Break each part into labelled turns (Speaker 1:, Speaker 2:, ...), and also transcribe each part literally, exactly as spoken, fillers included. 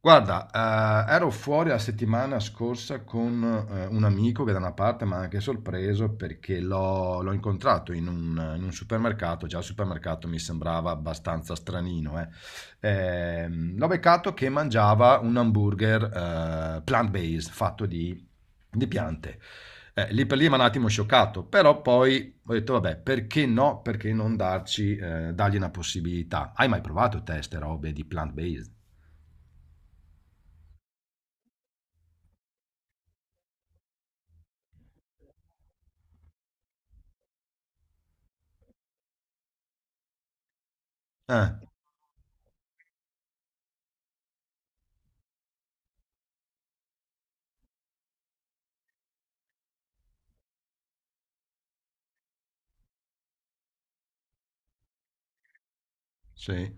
Speaker 1: Guarda, ehm, ero fuori la settimana scorsa con ehm, un amico che da una parte m'ha anche sorpreso perché l'ho l'ho incontrato in un in un supermercato. Già il supermercato mi sembrava abbastanza stranino, eh. Ehm, l'ho beccato che mangiava un hamburger ehm, plant-based, fatto di di piante. Eh, lì per lì m'ha un attimo scioccato, però poi ho detto: "Vabbè, perché no, perché non darci ehm, dargli una possibilità?" Hai mai provato te 'ste robe di plant-based? Eh. Sì.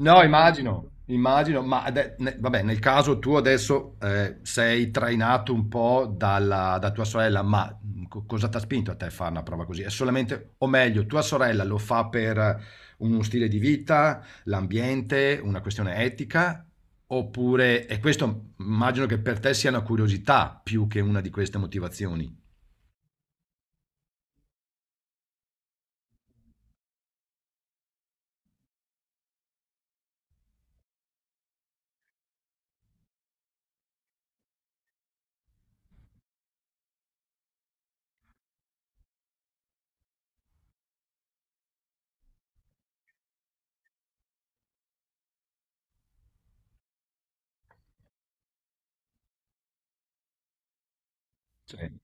Speaker 1: No, immagino, immagino, ma ade- ne- vabbè, nel caso tu adesso eh, sei trainato un po' dalla, da tua sorella, ma co- cosa ti ha spinto a te a fare una prova così? È solamente, o meglio, tua sorella lo fa per uno stile di vita, l'ambiente, una questione etica, oppure, e questo immagino che per te sia una curiosità più che una di queste motivazioni. Sì.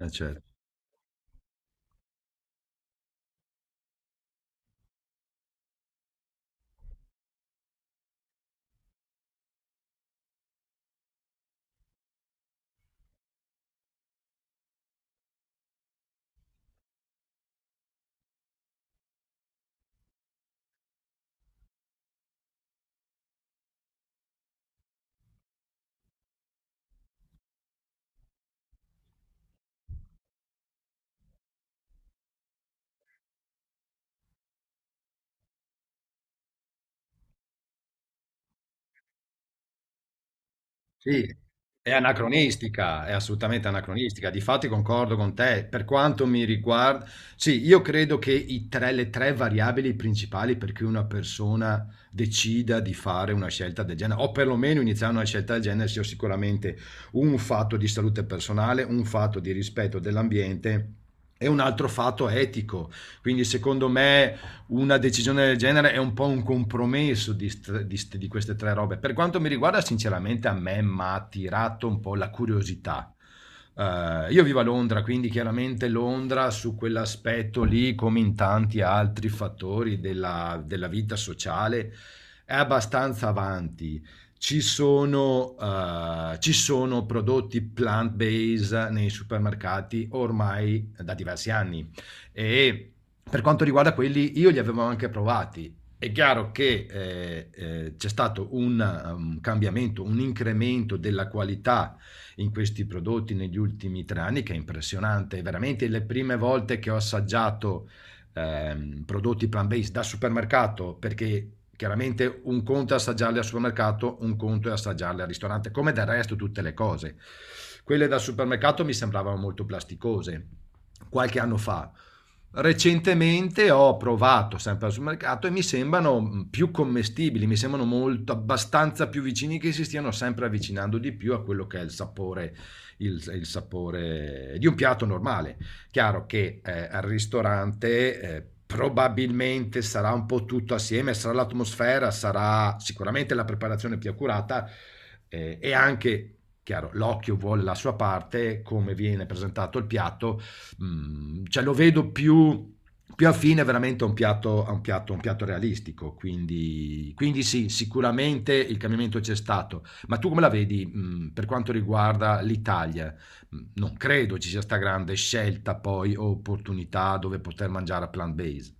Speaker 1: Eh, certo. Sì, è anacronistica, è assolutamente anacronistica. Difatti concordo con te. Per quanto mi riguarda, sì, io credo che i tre- le tre variabili principali per cui una persona decida di fare una scelta del genere, o perlomeno iniziare una scelta del genere, sia sicuramente un fatto di salute personale, un fatto di rispetto dell'ambiente. E un altro fatto etico. Quindi, secondo me, una decisione del genere è un po' un compromesso di, st- di st- di queste tre robe. Per quanto mi riguarda, sinceramente, a me mi ha attirato un po' la curiosità. Eh, io vivo a Londra, quindi chiaramente Londra su quell'aspetto lì, come in tanti altri fattori della, della vita sociale, è abbastanza avanti. Ci sono, eh, ci sono prodotti plant-based nei supermercati ormai da diversi anni e per quanto riguarda quelli, io li avevo anche provati. È chiaro che eh, eh, c'è stato un um, cambiamento, un incremento della qualità in questi prodotti negli ultimi tre anni che è impressionante. Veramente le prime volte che ho assaggiato ehm, prodotti plant-based da supermercato, perché chiaramente un conto è assaggiarli al supermercato, un conto è assaggiarli al ristorante, come del resto tutte le cose. Quelle da supermercato mi sembravano molto plasticose qualche anno fa. Recentemente ho provato sempre al supermercato e mi sembrano mm, più commestibili, mi sembrano molto abbastanza più vicini, che si stiano sempre avvicinando di più a quello che è il sapore, il, il sapore di un piatto normale. Chiaro che, ehm, al ristorante, ehm, probabilmente sarà un po' tutto assieme, sarà l'atmosfera, sarà sicuramente la preparazione più accurata, ehm, e anche, chiaro, l'occhio vuol la sua parte, come viene presentato il piatto, mhmm, cioè lo vedo più più affine veramente a un piatto a un piatto a un piatto realistico. Quindi quindi sì, sicuramente il cambiamento c'è stato. Ma tu come la vedi, mhmm, per quanto riguarda l'Italia? Mhmm, non credo ci sia sta grande scelta poi o opportunità dove poter mangiare a plant based.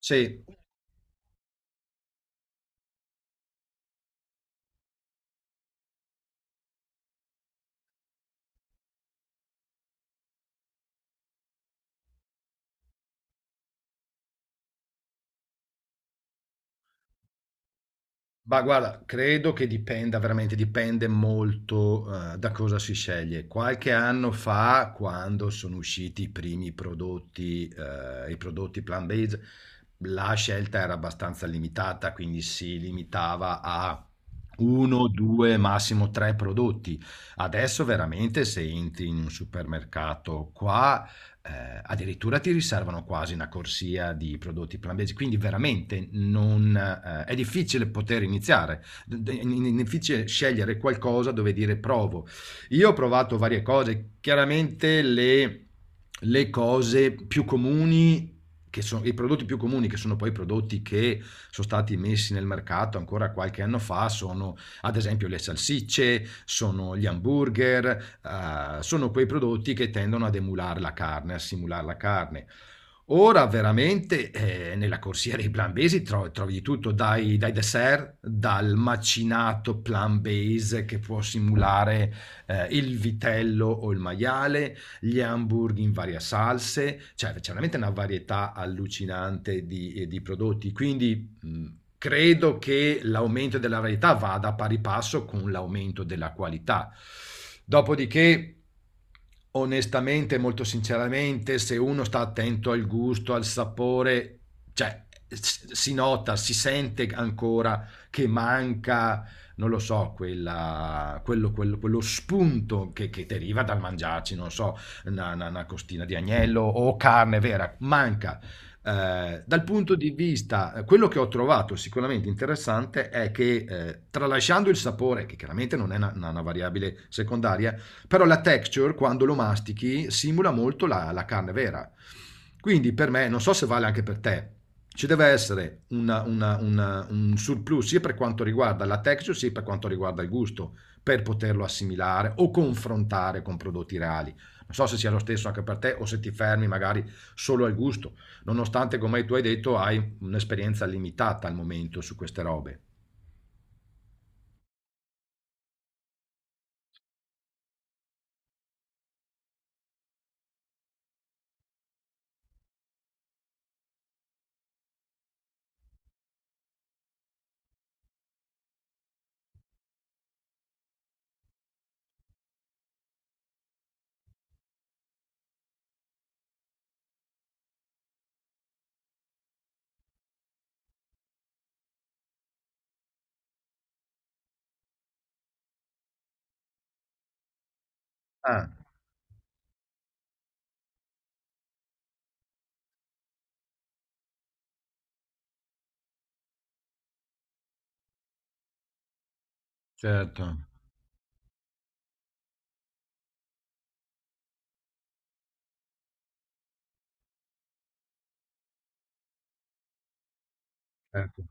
Speaker 1: Sì, ma guarda, credo che dipenda veramente dipende molto, uhm, da cosa si sceglie. Qualche anno fa, quando sono usciti i primi prodotti, uhm, i prodotti plant based, la scelta era abbastanza limitata, quindi si limitava a uno, due, massimo tre prodotti. Adesso veramente se entri in un supermercato qua, eh, addirittura ti riservano quasi una corsia di prodotti plant, quindi veramente non, eh, è difficile poter iniziare, d- è difficile scegliere qualcosa dove dire provo. Io ho provato varie cose, chiaramente le, le cose più comuni, che sono i prodotti più comuni, che sono poi prodotti che sono stati messi nel mercato ancora qualche anno fa, sono ad esempio le salsicce, sono gli hamburger, eh, sono quei prodotti che tendono ad emulare la carne, a simulare la carne. Ora veramente eh, nella corsia dei plant-based tro- trovi di tutto, dai, dai dessert, dal macinato plant-based che può simulare eh, il vitello o il maiale, gli hamburger in varie salse, cioè c'è veramente una varietà allucinante di, eh, di prodotti. Quindi mh, credo che l'aumento della varietà vada a pari passo con l'aumento della qualità. Dopodiché, onestamente, molto sinceramente, se uno sta attento al gusto, al sapore, cioè s- si nota, si sente ancora che manca, non lo so, quella- quello, quello- quello spunto che, che deriva dal mangiarci, non so, una, una- una costina di agnello o carne vera, manca. Eh, dal punto di vista, eh, quello che ho trovato sicuramente interessante è che eh, tralasciando il sapore, che chiaramente non è una, una variabile secondaria, però la texture quando lo mastichi simula molto la, la carne vera. Quindi per me, non so se vale anche per te, ci deve essere una- una- una- un surplus sia per quanto riguarda la texture sia per quanto riguarda il gusto, per poterlo assimilare o confrontare con prodotti reali. Non so se sia lo stesso anche per te o se ti fermi magari solo al gusto nonostante, come tu hai detto, hai un'esperienza limitata al momento su queste robe. Ah, certo, certo,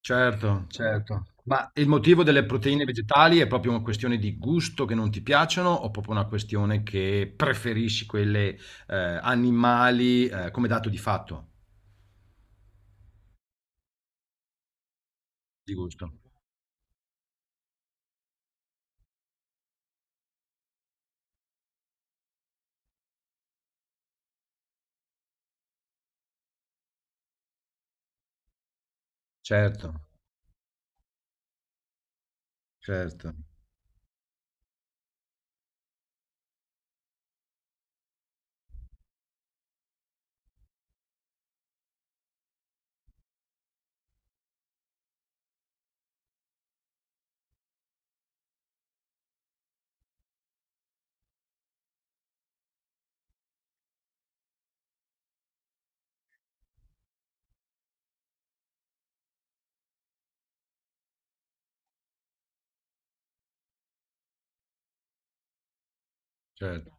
Speaker 1: certo, certo. Ma il motivo delle proteine vegetali è proprio una questione di gusto che non ti piacciono o proprio una questione che preferisci quelle eh, animali, eh, come dato di fatto? Di gusto. Certo, certo, certo,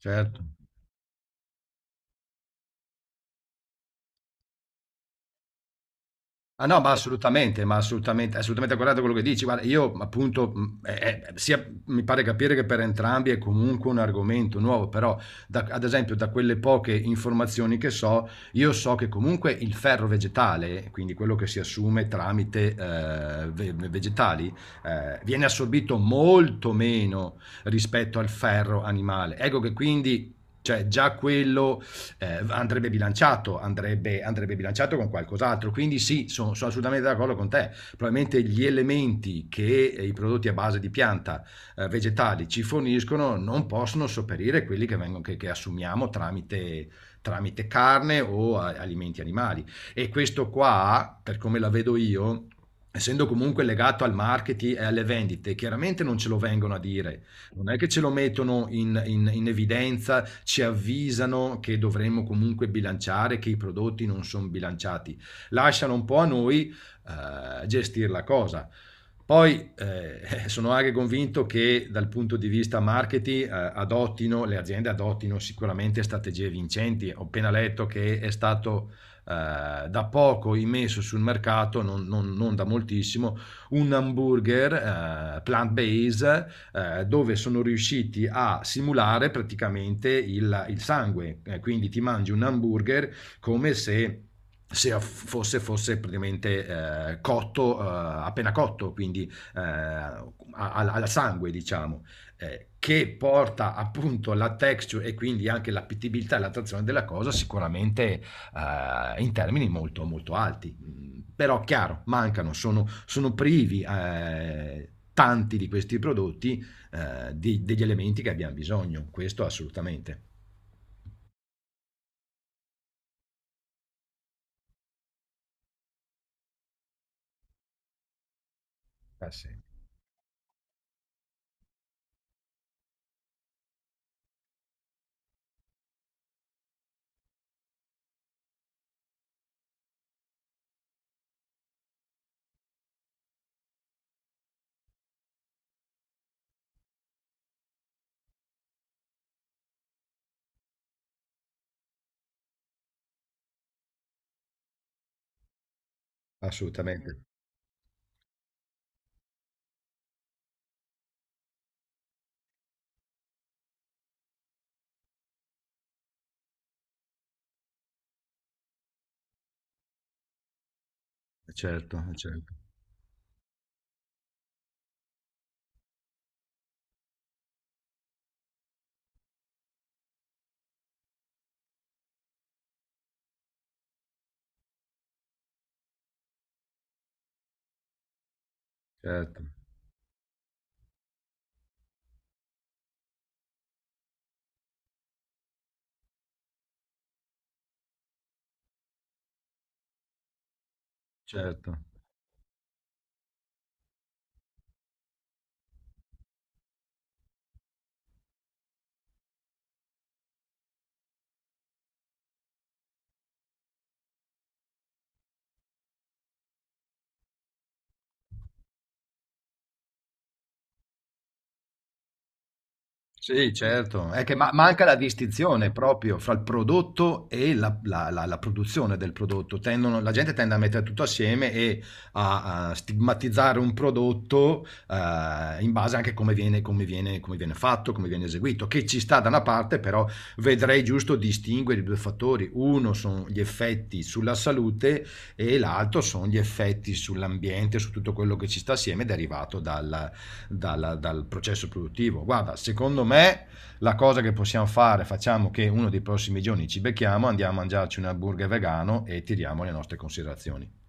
Speaker 1: certo. Ah no, ma assolutamente, ma assolutamente, assolutamente guardate quello che dici. Guarda, io appunto, mh, eh, eh, sia, mi pare capire che per entrambi è comunque un argomento nuovo, però da- ad esempio da quelle poche informazioni che so, io so che comunque il ferro vegetale, quindi quello che si assume tramite eh, ve- vegetali, eh, viene assorbito molto meno rispetto al ferro animale. Ecco che quindi, cioè già quello eh, andrebbe bilanciato, andrebbe, andrebbe bilanciato con qualcos'altro. Quindi sì, sono, sono assolutamente d'accordo con te. Probabilmente gli elementi che eh, i prodotti a base di pianta, eh, vegetali, ci forniscono non possono sopperire quelli che, vengono, che, che assumiamo tramite tramite carne o a, alimenti animali. E questo qua, per come la vedo io, essendo comunque legato al marketing e alle vendite, chiaramente non ce lo vengono a dire, non è che ce lo mettono in, in, in evidenza, ci avvisano che dovremmo comunque bilanciare, che i prodotti non sono bilanciati. Lasciano un po' a noi eh, gestire la cosa. Poi, ehm, sono anche convinto che dal punto di vista marketing, ehm, adottino le aziende adottino sicuramente strategie vincenti. Ho appena letto che è stato, ehm, da poco immesso sul mercato, non non non da moltissimo, un hamburger, ehm, plant based, ehm, dove sono riusciti a simulare praticamente il il sangue. Ehm, quindi ti mangi un hamburger come se se fosse, fosse praticamente eh, cotto, eh, appena cotto, quindi eh, al sangue, diciamo, eh, che porta appunto la texture e quindi anche l'appetibilità e l'attrazione della cosa sicuramente eh, in termini molto, molto alti. Mm, Però chiaro, mancano, sono, sono privi eh, tanti di questi prodotti eh, di, degli elementi che abbiamo bisogno, questo assolutamente. Ah, sì. Assolutamente, certo, certo. Certo, certo. Sì, certo. È che ma- manca la distinzione proprio fra il prodotto e la, la- la- la produzione del prodotto. Tendono- la gente tende a mettere tutto assieme e a, a stigmatizzare un prodotto eh, in base anche a come viene, come viene- come viene fatto, come viene eseguito, che ci sta da una parte, però vedrei giusto distinguere i due fattori. Uno sono gli effetti sulla salute e l'altro sono gli effetti sull'ambiente, su tutto quello che ci sta assieme derivato dalla dalla- dal processo produttivo. Guarda, secondo me la cosa che possiamo fare, facciamo che uno dei prossimi giorni ci becchiamo, andiamo a mangiarci un hamburger vegano e tiriamo le nostre considerazioni.